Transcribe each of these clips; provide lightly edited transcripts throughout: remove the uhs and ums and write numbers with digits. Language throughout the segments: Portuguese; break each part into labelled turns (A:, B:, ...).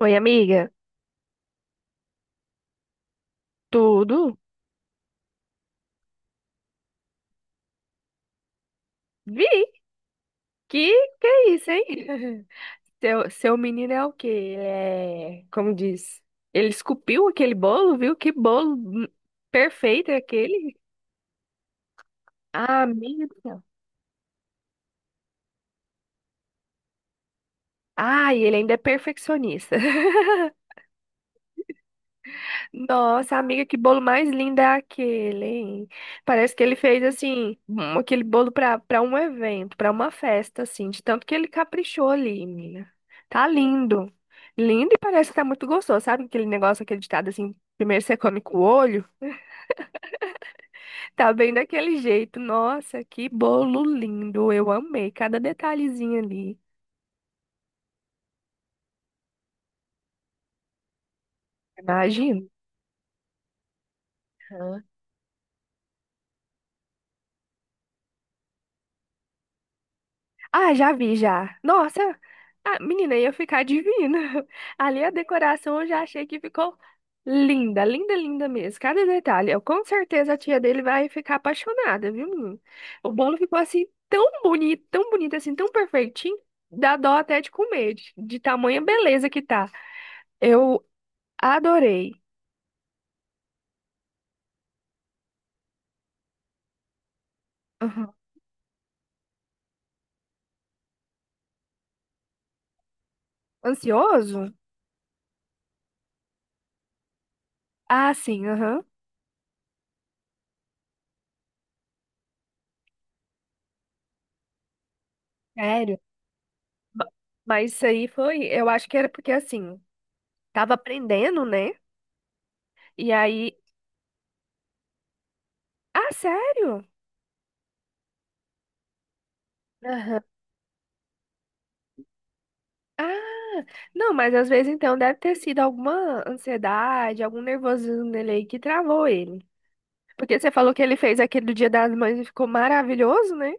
A: Oi, amiga. Tudo? Vi. Que que é isso, hein? Seu menino é o quê? Ele é, como diz, ele esculpiu aquele bolo, viu? Que bolo perfeito é aquele. Ah, amiga. Do céu. Ah, e ele ainda é perfeccionista. Nossa, amiga, que bolo mais lindo é aquele, hein? Parece que ele fez assim, aquele bolo para um evento, para uma festa, assim, de tanto que ele caprichou ali, menina. Tá lindo. Lindo e parece que tá muito gostoso, sabe? Aquele negócio, aquele ditado assim, primeiro você come com o olho, tá bem daquele jeito. Nossa, que bolo lindo. Eu amei cada detalhezinho ali. Imagina. Ah, já vi, já. Nossa, ah, menina, ia ficar divina. Ali a decoração eu já achei que ficou linda, linda, linda mesmo. Cada detalhe. Eu, com certeza a tia dele vai ficar apaixonada, viu, menino? O bolo ficou assim tão bonito, assim, tão perfeitinho. Dá dó até de comer, de tamanha beleza que tá. Eu adorei. Aham. Ansioso? Ah, sim, aham. Sério? Ma- Mas isso aí foi, eu acho que era porque assim, tava aprendendo, né? E aí Ah, sério? Aham. Ah, não, mas às vezes então deve ter sido alguma ansiedade, algum nervosismo nele aí que travou ele. Porque você falou que ele fez aquele do Dia das Mães e ficou maravilhoso, né?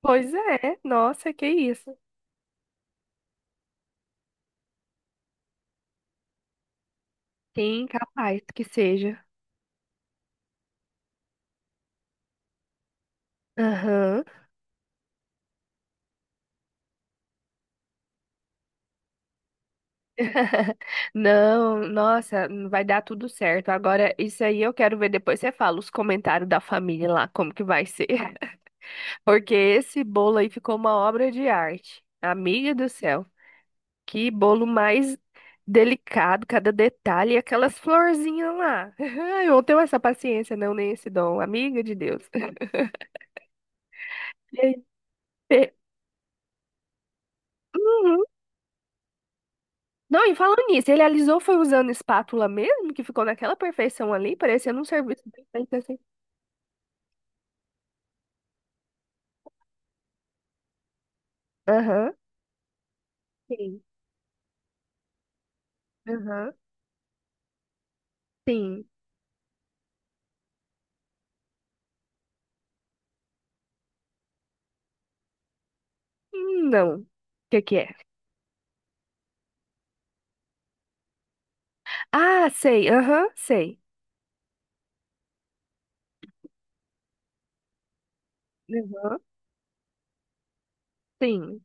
A: Pois é, nossa, que isso. Sim, capaz que seja. Aham. Não, nossa, vai dar tudo certo. Agora, isso aí eu quero ver depois. Você fala os comentários da família lá, como que vai ser. Porque esse bolo aí ficou uma obra de arte. Amiga do céu. Que bolo mais delicado, cada detalhe, e aquelas florzinhas lá. Eu não tenho essa paciência, não, nem esse dom, amiga de Deus. Ele pe- Uhum. Não, e falando nisso, ele alisou foi usando espátula mesmo, que ficou naquela perfeição ali, parecendo um serviço bem feito assim. Aham. Sim. Aham. Sim. Não. O que que é? Ah, sei. Aham, sei. Aham. Sim.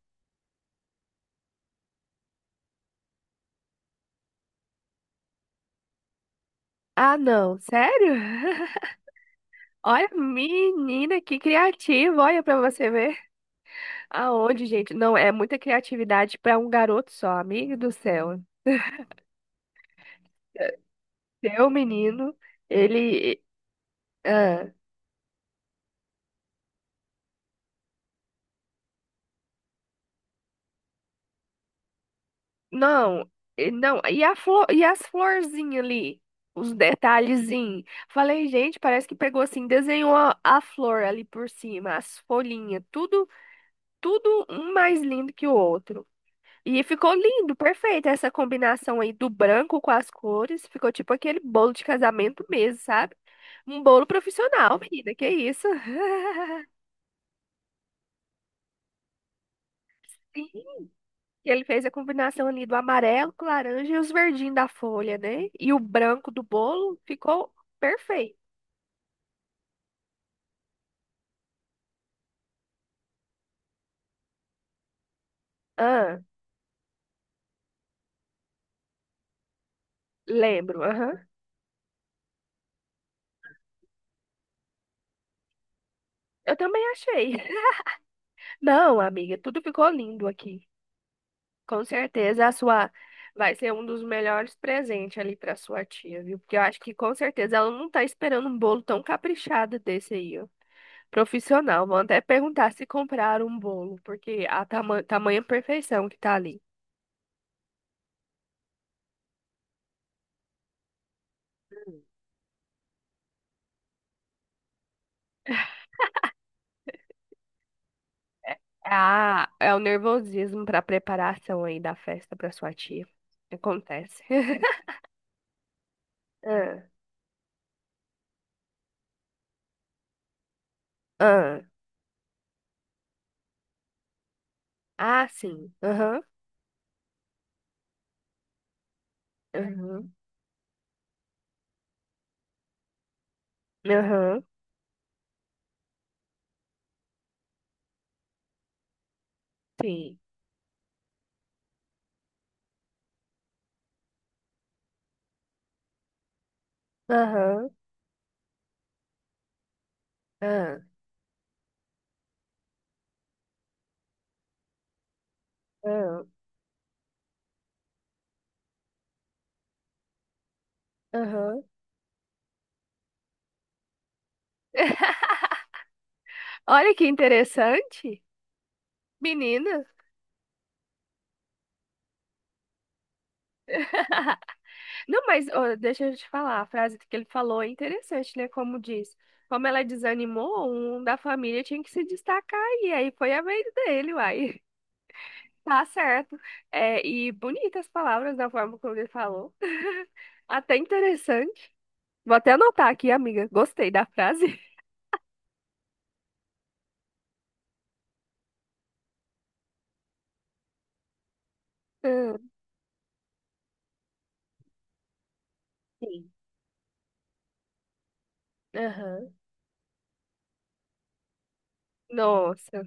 A: Ah, não. Sério? Olha, menina, que criativa. Olha pra você ver. Aonde, gente? Não, é muita criatividade para um garoto só, amigo do céu. Seu menino, ele. Ah, não, não, e, a flor, e as florzinhas ali? Os detalhezinhos. Falei, gente, parece que pegou assim, desenhou a flor ali por cima, as folhinhas, tudo, tudo um mais lindo que o outro. E ficou lindo, perfeito essa combinação aí do branco com as cores. Ficou tipo aquele bolo de casamento mesmo, sabe? Um bolo profissional, menina, que isso? Sim, ele fez a combinação ali do amarelo com laranja e os verdinhos da folha, né? E o branco do bolo ficou perfeito. Ah, lembro, aham. Eu também achei. Não, amiga, tudo ficou lindo aqui. Com certeza a sua vai ser um dos melhores presentes ali para sua tia, viu? Porque eu acho que com certeza ela não tá esperando um bolo tão caprichado desse aí, ó. Profissional, vão até perguntar se compraram um bolo, porque a tamanha perfeição que tá ali. Hum. É, a, é o nervosismo para preparação aí da festa para sua tia. Acontece. Ah, ah, ah, sim. Aham, aham, aham, sim. Aham, ah, ah, aham. Olha que interessante, menina. Não, mas ó, deixa eu te falar, a frase que ele falou é interessante, né? Como diz, como ela desanimou, um da família tinha que se destacar e aí foi a vez dele, uai. Tá certo. É, e bonitas palavras da forma como ele falou. Até interessante. Vou até anotar aqui, amiga. Gostei da frase. Hum, sim. Aham. Nossa.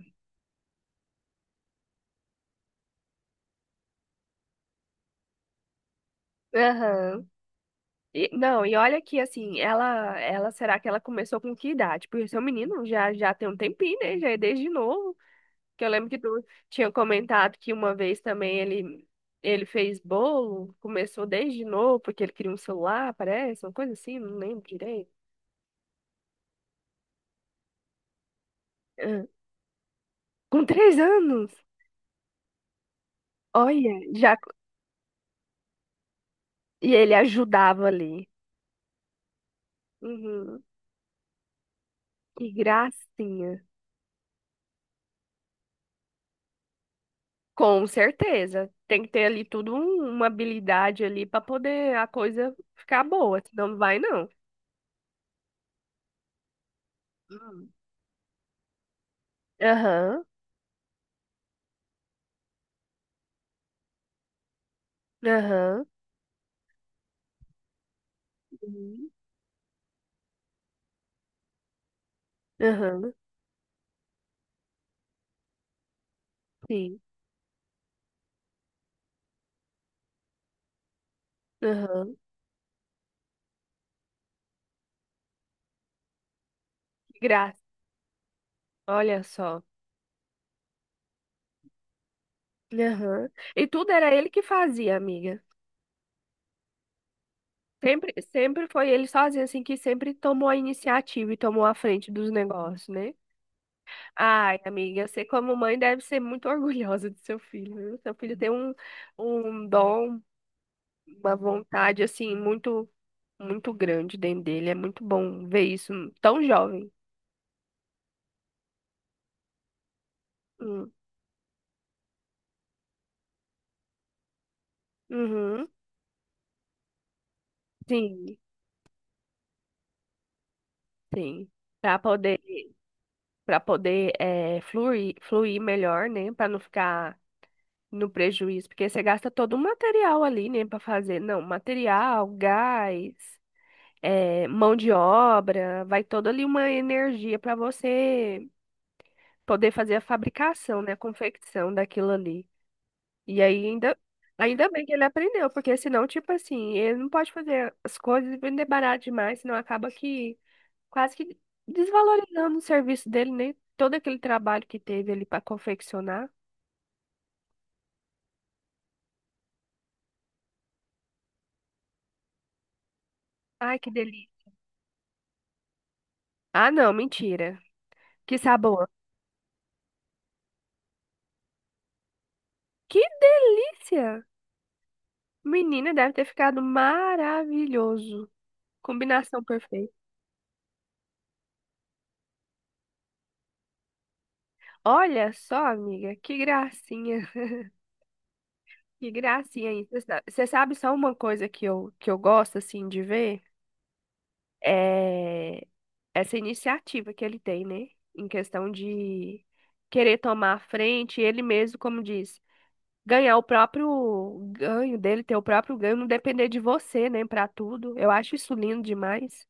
A: Aham. E- não, e olha que assim, ela será que ela começou com que idade? Porque seu menino já tem um tempinho, né? Já é desde novo. Que eu lembro que tu tinha comentado que uma vez também ele fez bolo, começou desde novo porque ele queria um celular, parece, uma coisa assim, não lembro direito. Ah, com 3 anos, olha, já e ele ajudava ali. Uhum, que gracinha. Com certeza. Tem que ter ali tudo uma habilidade ali para poder a coisa ficar boa, senão não vai não. Hum. Aham, aham, Uhum. Aham, sim, aham. Que graça, olha só. Aham. E tudo era ele que fazia, amiga. Sempre, sempre foi ele sozinho, assim, que sempre tomou a iniciativa e tomou a frente dos negócios, né? Ai, amiga, você como mãe deve ser muito orgulhosa do seu filho, viu? Seu filho tem um, um dom, uma vontade assim muito muito grande dentro dele. É muito bom ver isso tão jovem. Hum. Uhum. Sim, sim. Para poder para poder é, fluir melhor, né? Para não ficar no prejuízo, porque você gasta todo o material ali, né? Para fazer, não, material, gás, é, mão de obra, vai toda ali uma energia para você poder fazer a fabricação, né? A confecção daquilo ali. E aí ainda, ainda bem que ele aprendeu, porque senão, tipo assim, ele não pode fazer as coisas e vender barato demais, senão acaba que quase que desvalorizando o serviço dele, né? Todo aquele trabalho que teve ali pra confeccionar. Ai, que delícia. Ah, não, mentira. Que sabor. Que delícia! Menina, deve ter ficado maravilhoso. Combinação perfeita. Olha só, amiga, que gracinha. Que gracinha isso. Você sabe só uma coisa que eu gosto, assim, de ver? eh, Essa iniciativa que ele tem, né? Em questão de querer tomar a frente, ele mesmo, como diz, ganhar o próprio ganho dele, ter o próprio ganho, não depender de você, né? Pra tudo. Eu acho isso lindo demais.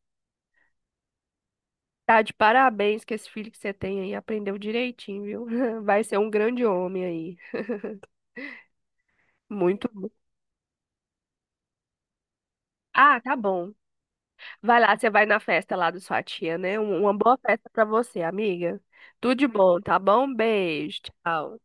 A: Tá de parabéns que esse filho que você tem aí aprendeu direitinho, viu? Vai ser um grande homem aí. Muito bom. Ah, tá bom. Vai lá, você vai na festa lá da sua tia, né? Uma boa festa pra você, amiga. Tudo de bom, tá bom? Beijo, tchau.